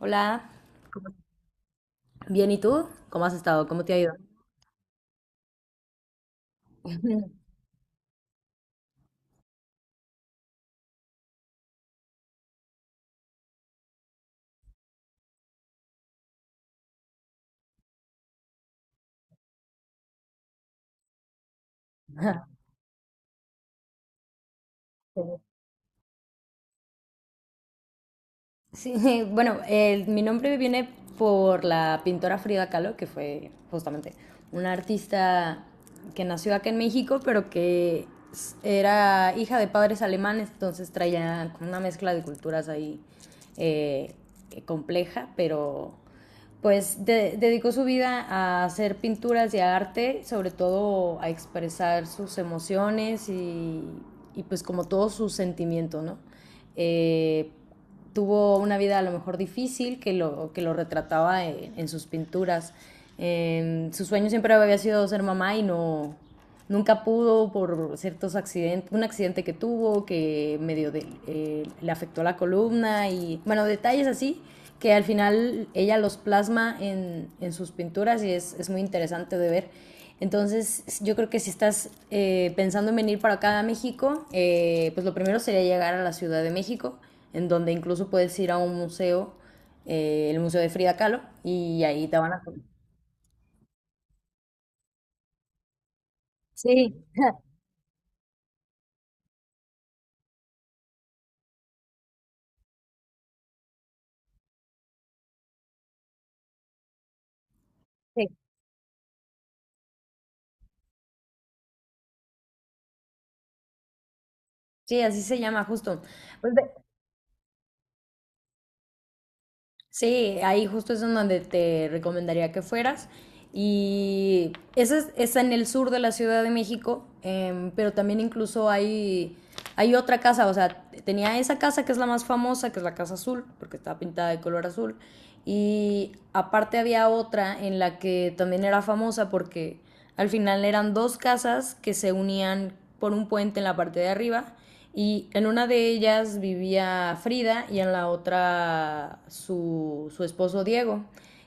Hola, bien, ¿y tú? ¿Cómo has estado? ¿Cómo te ha ido? Sí, bueno, mi nombre viene por la pintora Frida Kahlo, que fue justamente una artista que nació acá en México, pero que era hija de padres alemanes, entonces traía como una mezcla de culturas ahí eh, compleja, pero pues dedicó su vida a hacer pinturas y a arte, sobre todo a expresar sus emociones y pues como todo su sentimiento, ¿no? Eh, Tuvo una vida a lo mejor difícil que lo retrataba en sus pinturas. Su sueño siempre había sido ser mamá y no, nunca pudo por ciertos accidentes, un accidente que tuvo que medio de, le afectó la columna y bueno, detalles así que al final ella los plasma en sus pinturas y muy interesante de ver. Entonces yo creo que si estás pensando en venir para acá a México, pues lo primero sería llegar a la Ciudad de México, en donde incluso puedes ir a un museo, el Museo de Frida Kahlo, y ahí te van a... Sí, sí, sí, así se llama justo. Pues ve- Sí, ahí justo es en donde te recomendaría que fueras. Y está en el sur de la Ciudad de México, pero también hay otra casa, o sea, tenía esa casa que es la más famosa, que es la Casa Azul, porque estaba pintada de color azul. Y aparte había otra en la que también era famosa porque al final eran dos casas que se unían por un puente en la parte de arriba, y en una de ellas vivía Frida y en la otra su esposo Diego,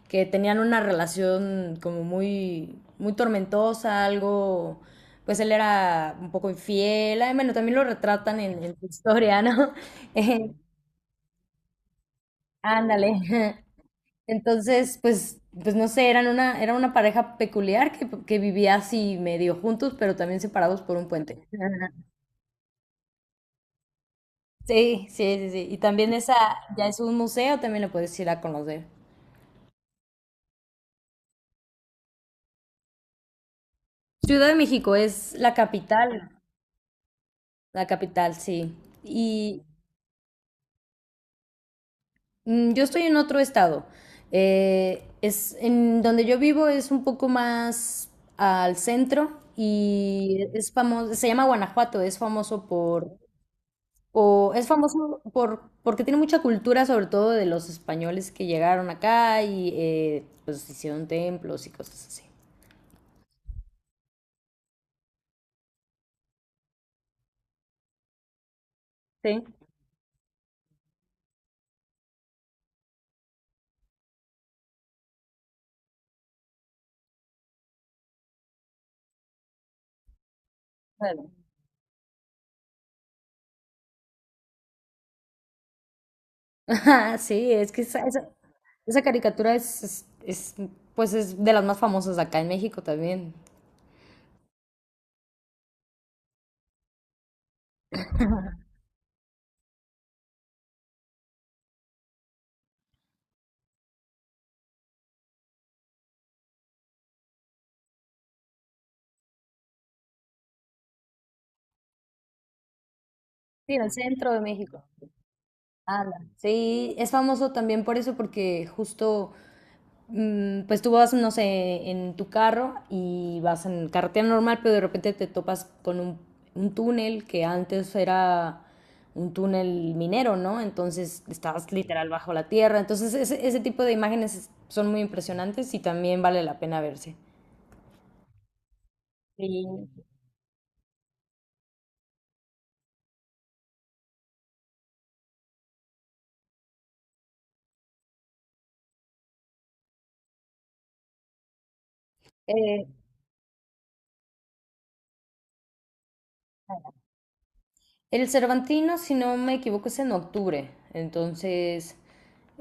que tenían una relación como muy, muy tormentosa, algo, pues él era un poco infiel, ay, bueno, también lo retratan en su historia, ¿no? Eh, Ándale. Entonces, pues, pues no sé, era una pareja peculiar que vivía así medio juntos, pero también separados por un puente. Sí, sí, sí, sí. Y también esa ya es un museo, también lo puedes ir a conocer. Ciudad de México es la capital, sí. Y yo estoy en otro estado. Es en donde yo vivo es un poco más al centro y es famoso, se llama Guanajuato, es famoso por o es famoso por, porque tiene mucha cultura, sobre todo de los españoles que llegaron acá y pues hicieron templos y cosas así. Sí. Bueno. Ajá, sí, es que esa caricatura es, pues es de las más famosas acá en México también. Sí, en el centro de México. Anda. Sí, es famoso también por eso, porque justo pues tú vas, no sé, en tu carro y vas en carretera normal, pero de repente te topas con un túnel que antes era un túnel minero, ¿no? Entonces estabas literal bajo la tierra. Entonces ese tipo de imágenes son muy impresionantes y también vale la pena verse. Sí. Eh, El Cervantino, si no me equivoco, es en octubre. Entonces,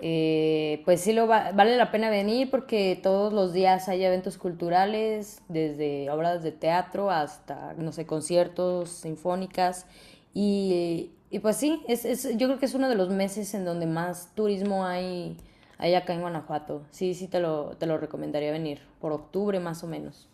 pues sí vale la pena venir porque todos los días hay eventos culturales, desde obras de teatro hasta, no sé, conciertos, sinfónicas. Y pues sí, yo creo que es uno de los meses en donde más turismo hay acá en Guanajuato. Sí, te lo recomendaría venir, por octubre más o menos.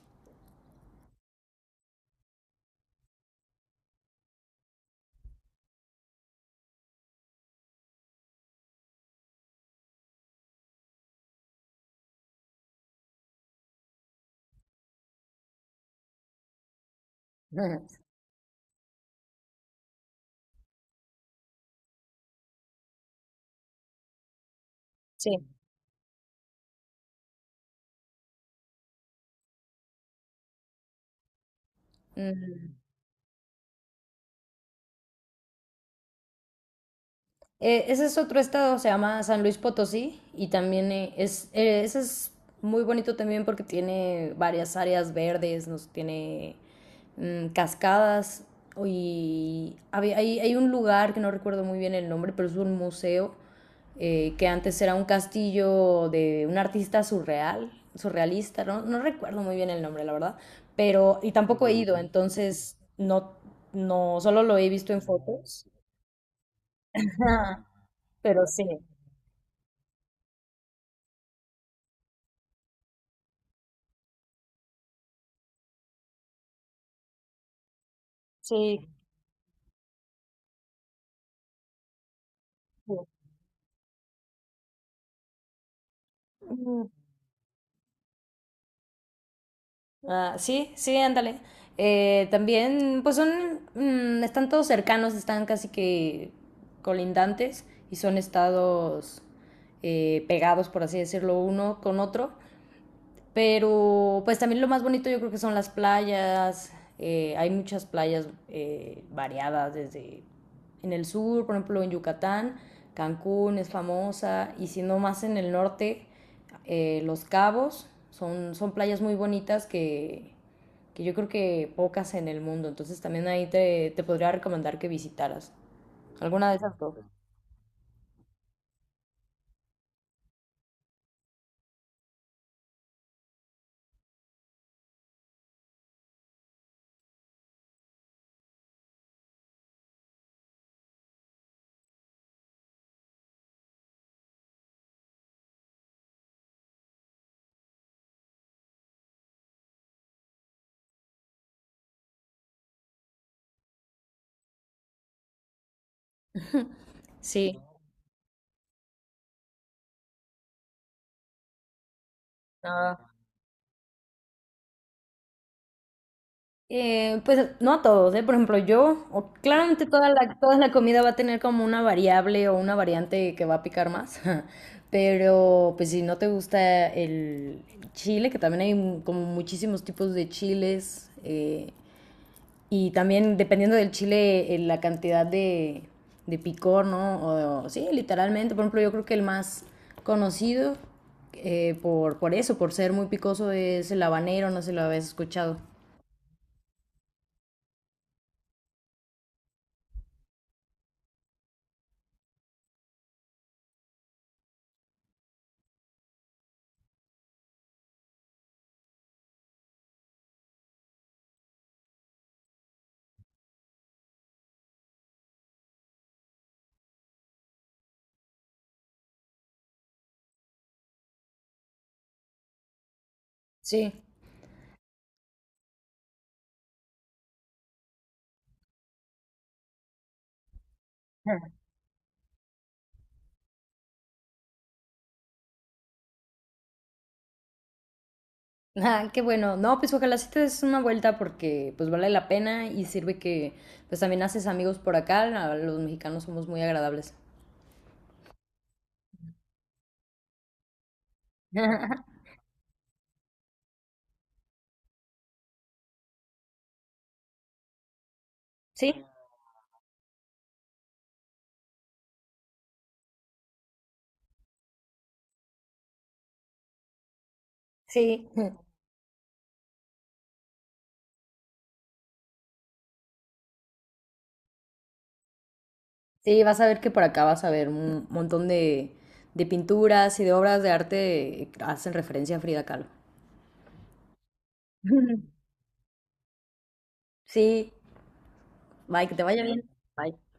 Ujú. Sí. Mm. Ese es otro estado, se llama San Luis Potosí y también ese es muy bonito también porque tiene varias áreas verdes, nos tiene cascadas y hay un lugar que no recuerdo muy bien el nombre, pero es un museo que antes era un castillo de un artista surrealista, no, no recuerdo muy bien el nombre, la verdad, pero y tampoco he ido, entonces no, solo lo he visto en fotos. Pero sí. Sí. Sí, mm. Ah, sí, sí, ándale. También, pues están todos cercanos, están casi que colindantes y son estados pegados, por así decirlo, uno con otro. Pero pues también lo más bonito yo creo que son las playas. Hay muchas playas variadas desde en el sur, por ejemplo en Yucatán, Cancún es famosa, y siendo más en el norte, Los Cabos son playas muy bonitas que yo creo que pocas en el mundo. Entonces también te podría recomendar que visitaras alguna de esas dos. Sí. Pues no a todos, ¿eh? Por ejemplo, claramente toda la comida va a tener como una variable o una variante que va a picar más, pero pues si no te gusta el chile, que también hay como muchísimos tipos de chiles, y también dependiendo del chile, la cantidad de picor, ¿no? O, sí, literalmente, por ejemplo, yo creo que el más conocido por eso, por ser muy picoso, es el habanero, no sé si lo habéis escuchado. Sí. Ah, qué bueno. No, pues ojalá sí te des una vuelta porque pues vale la pena y sirve que pues también haces amigos por acá. Los mexicanos somos muy agradables. Sí, sí. Sí, vas a ver que por acá vas a ver un montón de pinturas y de obras de arte que hacen referencia a Frida Kahlo. Sí, bye, que te vaya bien. Bye.